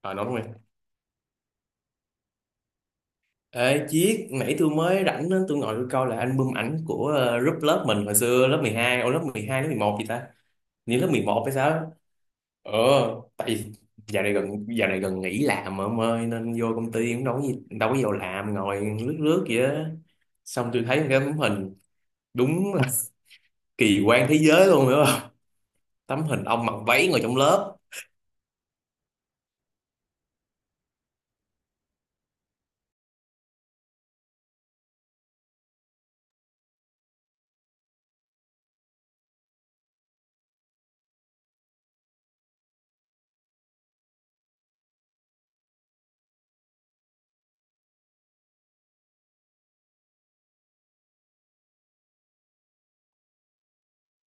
Ờ nói rồi. Ê Chiết, nãy tôi mới rảnh á, tôi ngồi tôi coi là album ảnh của group lớp mình hồi xưa, lớp 12, ô lớp 12 lớp 11 gì ta? Như lớp mười một hay sao á? Ờ, Tại vì dạo này gần nghỉ làm mà ông ơi, nên vô công ty cũng đâu có gì, đâu có vào làm, ngồi lướt lướt vậy á. Xong tôi thấy một cái tấm hình đúng là kỳ quan thế giới luôn, hiểu không? Tấm hình ông mặc váy ngồi trong lớp.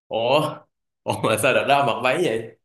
Ủa, ủa mà sao đợt đó ông mặc váy vậy?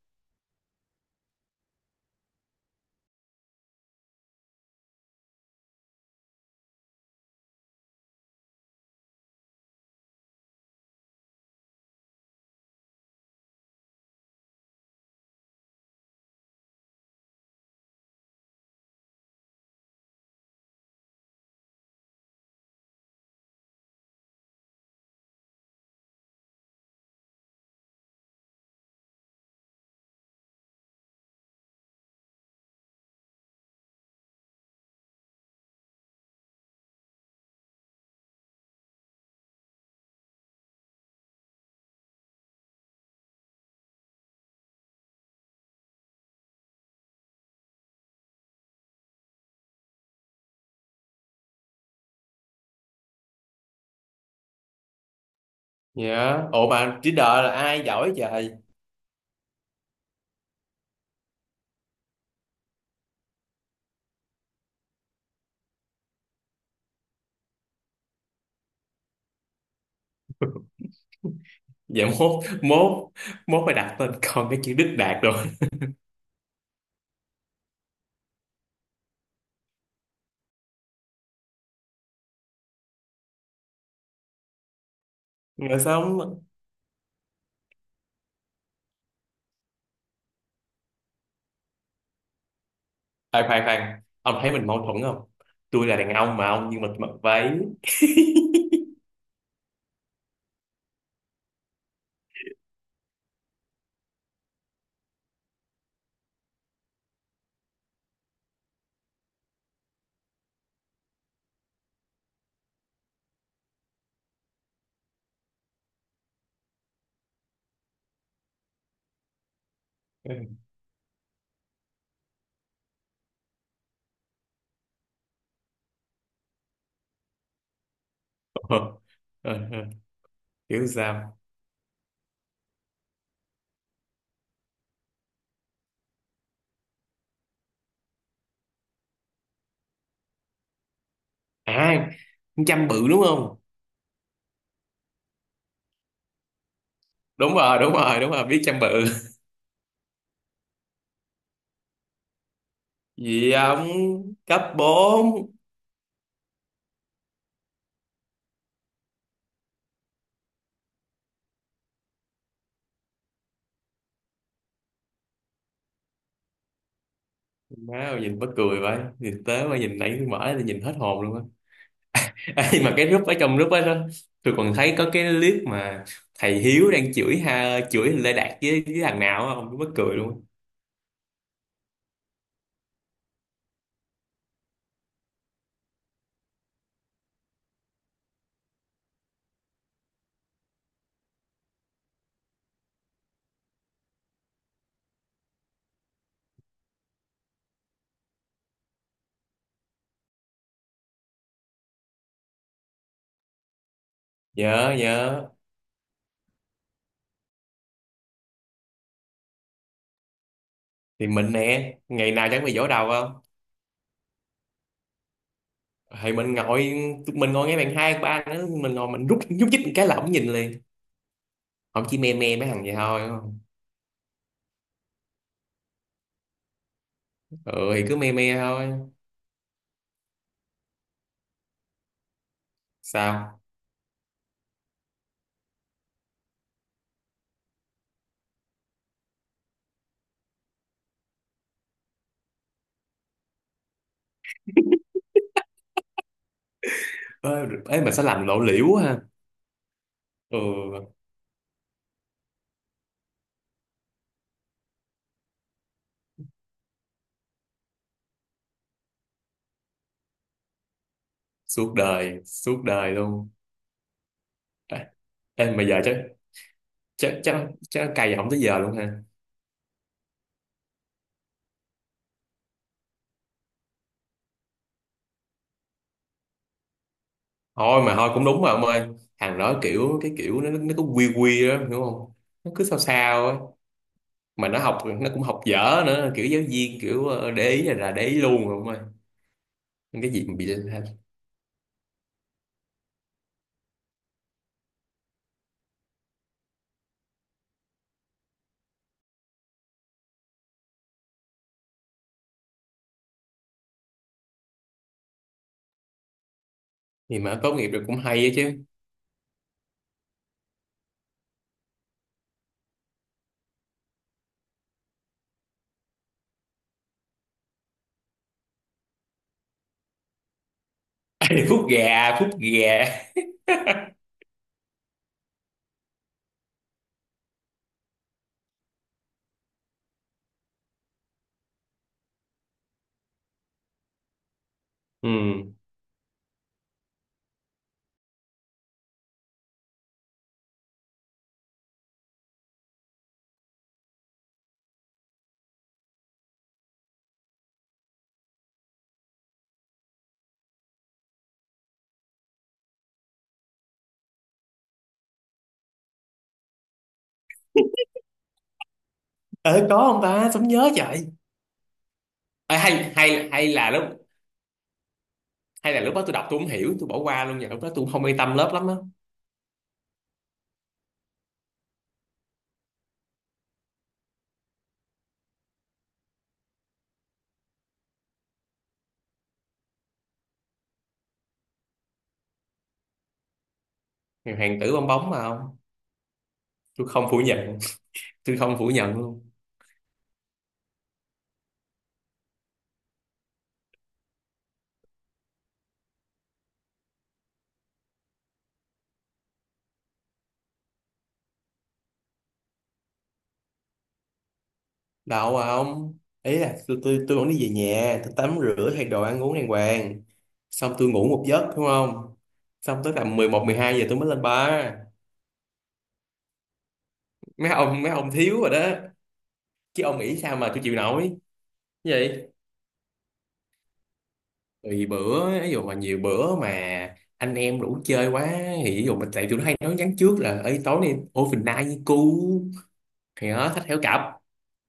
Dạ. Ủa mà chỉ đợi là ai giỏi trời? Dạ, mốt mốt mốt phải đặt tên con cái chữ Đức Đạt rồi. Mà sao không- Khoan khoan khoan, ông thấy mình mâu thuẫn không? Tôi là đàn ông mà ông, nhưng mà tôi mặc váy. Ờ, ờ, ờ, hiểu sao. À, con Chăm bự đúng không? Đúng rồi đúng rồi đúng rồi, biết Chăm bự. Gì ông? Cấp bốn. Má ơi, nhìn mắc cười vậy, nhìn tớ mà nhìn, nãy tôi mở ra tôi nhìn hết hồn luôn á. Ê, mà cái group, ở trong group đó, tôi còn thấy có cái clip mà thầy Hiếu đang chửi, ha, chửi Lê Đạt với thằng nào á, ông mắc cười luôn. Nhớ nhớ. Thì mình nè, ngày nào chẳng bị vỗ đầu không. Thì mình ngồi Tụi mình ngồi ngay bàn hai ba nữa, mình ngồi mình rút nhúc nhích một cái là ổng nhìn liền. Ổng chỉ me me mấy thằng vậy thôi đúng không? Ừ thì cứ me me thôi. Sao? Ê, ê mà sao làm lộ liễu quá ha. Ừ. Suốt đời, suốt đời luôn. Ê, ê mà giờ chắc chắc chắc chắc cày ổng tới giờ luôn ha. Thôi mà thôi cũng đúng mà ông ơi. Thằng đó kiểu cái kiểu nó cứ quy quy á hiểu không. Nó cứ sao sao á. Mà nó học nó cũng học dở nữa, kiểu giáo viên kiểu để ý là để ý luôn ông ơi. Nhưng cái gì mà bị lên. Thì mà tốt nghiệp được cũng hay á chứ. Ê, phút gà, phút gà. Ừ. Ờ có không ta, sống nhớ trời. Ê, hay hay hay là lúc, hay là lúc đó tôi đọc tôi không hiểu tôi bỏ qua luôn, và lúc đó tôi không quan tâm lớp lắm á. Hàng tử bong bóng mà không. Tôi không phủ nhận, tôi không phủ nhận luôn. Đâu ông, ý là tôi vẫn đi về nhà tôi tắm rửa thay đồ ăn uống đàng hoàng. Xong tôi ngủ một giấc đúng không. Xong tới tầm 11, 12 giờ tôi mới lên bar. Mấy ông, mấy ông thiếu rồi đó. Chứ ông nghĩ sao mà tôi chịu nổi. Cái gì? Tùy bữa, ví dụ mà nhiều bữa mà anh em đủ chơi quá, thì ví dụ mình, tại tụi nó hay nói nhắn trước là ấy tối nay ô phình nai với cu, thì nó thách theo cặp.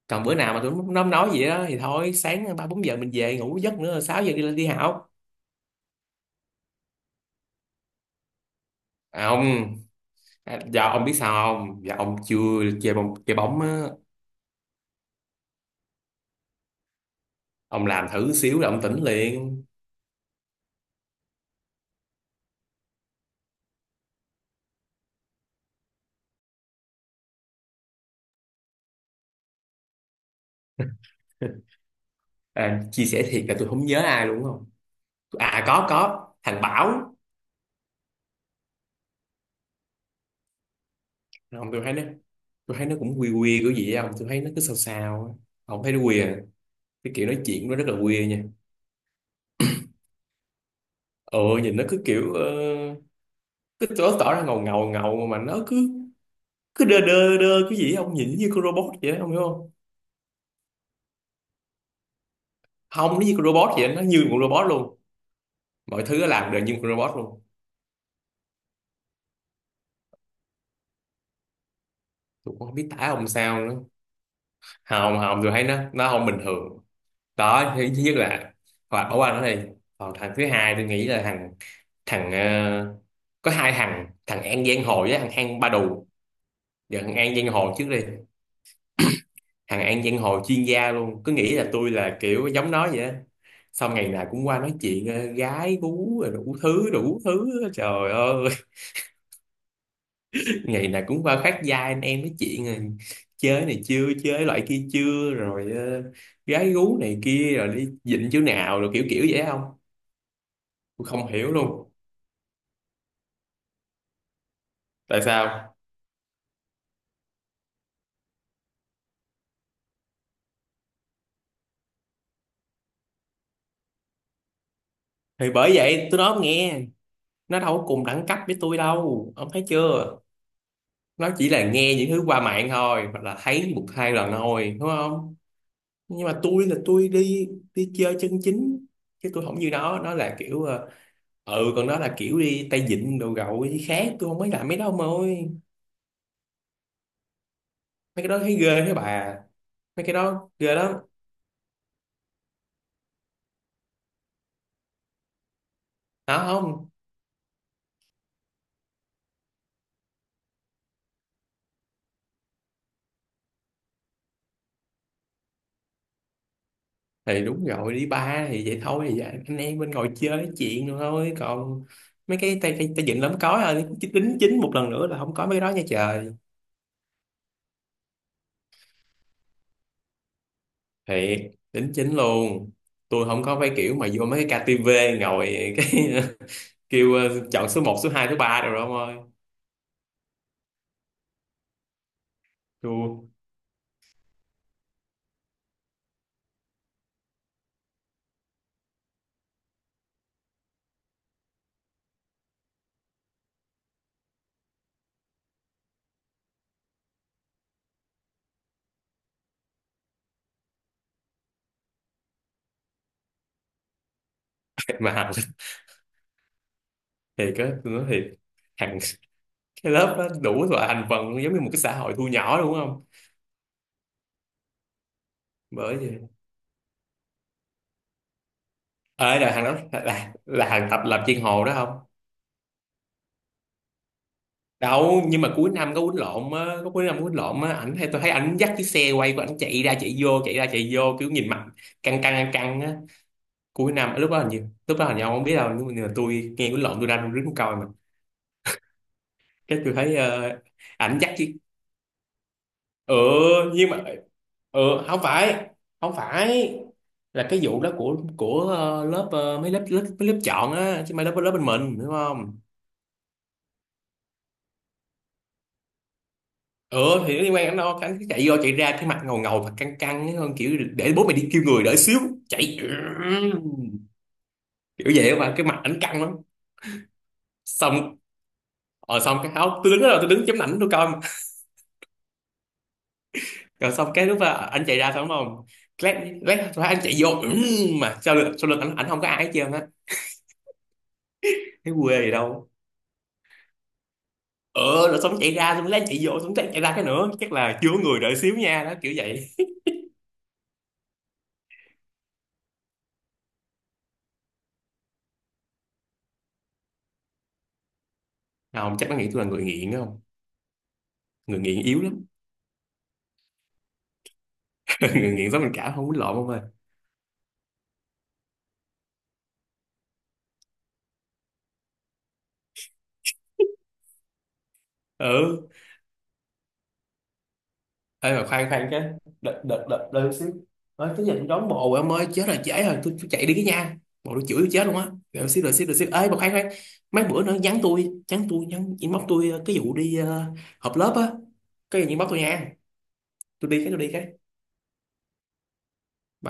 Còn bữa nào mà tụi nó không nói gì đó thì thôi, sáng ba bốn giờ mình về ngủ giấc nữa, sáu giờ đi lên đi học. À, không. À, dạ ông biết sao không? Dạ ông chưa chơi bóng, chơi bóng á, ông làm thử xíu là ông tỉnh liền. À, chia sẻ thiệt là tôi không nhớ ai luôn không? À có, thằng Bảo. Ông, tôi thấy nó, tôi thấy nó cũng quy quy của gì không? Tôi thấy nó cứ sao sao á. Ông thấy nó quy à. Cái kiểu nói chuyện của nó rất là quy nha. Ờ Nhìn nó cứ kiểu cứ tỏ tỏ ra ngầu ngầu ngầu, mà nó cứ cứ đơ đơ đơ cái gì á, ông nhìn nó như con robot vậy đó, ông hiểu không? Không, nó như con robot vậy, đó, nó như một robot luôn. Mọi thứ nó làm đều như một con robot luôn. Tôi cũng không biết tả ông sao nữa. Không không, tôi thấy nó không bình thường. Đó, thứ thứ nhất là, hoặc ở qua nó đi. Còn thằng thứ hai tôi nghĩ là thằng thằng ờ, có hai thằng, thằng An Giang Hồ với thằng An Ba Đù. Giờ thằng An Giang Hồ trước đi. Thằng An Giang Hồ chuyên gia luôn, cứ nghĩ là tôi là kiểu giống nó vậy đó. Xong ngày nào cũng qua nói chuyện gái bú rồi đủ thứ trời ơi. Ngày nào cũng vào khác gia anh em nói chuyện, rồi chơi này chưa chơi loại kia chưa, rồi gái gú này kia, rồi đi dịnh chỗ nào, rồi kiểu kiểu vậy không. Tôi không hiểu luôn, tại sao. Thì bởi vậy tôi nói ông nghe, nó đâu có cùng đẳng cấp với tôi đâu, ông thấy chưa. Nó chỉ là nghe những thứ qua mạng thôi, hoặc là thấy một hai lần thôi đúng không. Nhưng mà tôi là tôi đi, đi chơi chân chính. Chứ tôi không như nó là kiểu ừ, còn đó là kiểu đi tay vịn đồ gậu với khác, tôi không mới làm mấy đó ông ơi. Mấy cái đó thấy ghê thế bà. Mấy cái đó ghê lắm. Đó không. Thì đúng rồi, đi ba thì vậy thôi thì vậy, anh em bên ngồi chơi nói chuyện rồi thôi, còn mấy cái tay tay, tay dựng lắm có rồi. Đính chính một lần nữa là không có mấy cái đó nha trời. Thiệt, đính chính luôn. Tôi không có mấy kiểu mà vô mấy cái KTV ngồi cái kêu chọn số một số 2 số 3 rồi đó ông ơi. Chua. Thiệt mà hành, thiệt á tôi nói thiệt, hàng. Cái lớp đó đủ loại thành phần giống như một cái xã hội thu nhỏ đúng không. Bởi vậy. Ê là thằng đó là thằng tập lập chiên hồ đó không? Đâu, nhưng mà cuối năm có quýnh lộn á, có cuối năm có quýnh lộn á, ảnh hay tôi thấy ảnh dắt chiếc xe quay của ảnh chạy ra chạy vô, chạy ra chạy vô kiểu nhìn mặt căng căng á. Cuối năm lúc đó hình như, lúc đó hình như ông không biết đâu, nhưng mà tôi nghe quýnh lộn tôi đang đứng coi mà. Cái tôi thấy ảnh dắt chiếc, ừ, nhưng mà ừ, không phải, không phải, là cái vụ đó của lớp mấy lớp, mấy lớp chọn á chứ mấy lớp lớp bên mình đúng không? Ừ thì nó liên quan đến nó, cái chạy vô chạy ra cái mặt ngầu ngầu và căng căng ấy, hơn kiểu để bố mày đi kêu người đỡ xíu chạy, kiểu vậy mà cái mặt ảnh căng lắm. Xong, ờ xong cái áo tôi đứng đó rồi tôi đứng chấm ảnh tôi coi mà. Rồi xong cái lúc mà anh chạy ra xong không, lát lát lát anh chạy vô mà sau lưng ảnh, ảnh không có ai hết trơn á. Thấy quê gì đâu. Ờ rồi xong chạy ra, xong lát chạy vô, xong lát chạy ra cái nữa, chắc là chưa có người đợi xíu nha, đó kiểu vậy. Không chắc nó nghĩ tôi là người nghiện đó không. Người nghiện yếu lắm. Người nghiện giống mình cả, không muốn lộn không ơi. Ừ. Ê mà khoan khoan cái, đợi đợi chút xíu, nói cái giờ tôi đón bộ em ơi chết rồi trễ rồi, tôi chạy đi cái nha, bộ nó chửi tôi chết luôn á. Đợi xíu đợi xíu đợi xíu. Ê mà khoan khoan, mấy bữa nữa nhắn tôi, nhắn inbox tôi cái vụ đi họp lớp á. Cái gì inbox tôi nha. Tôi đi cái, tôi đi cái.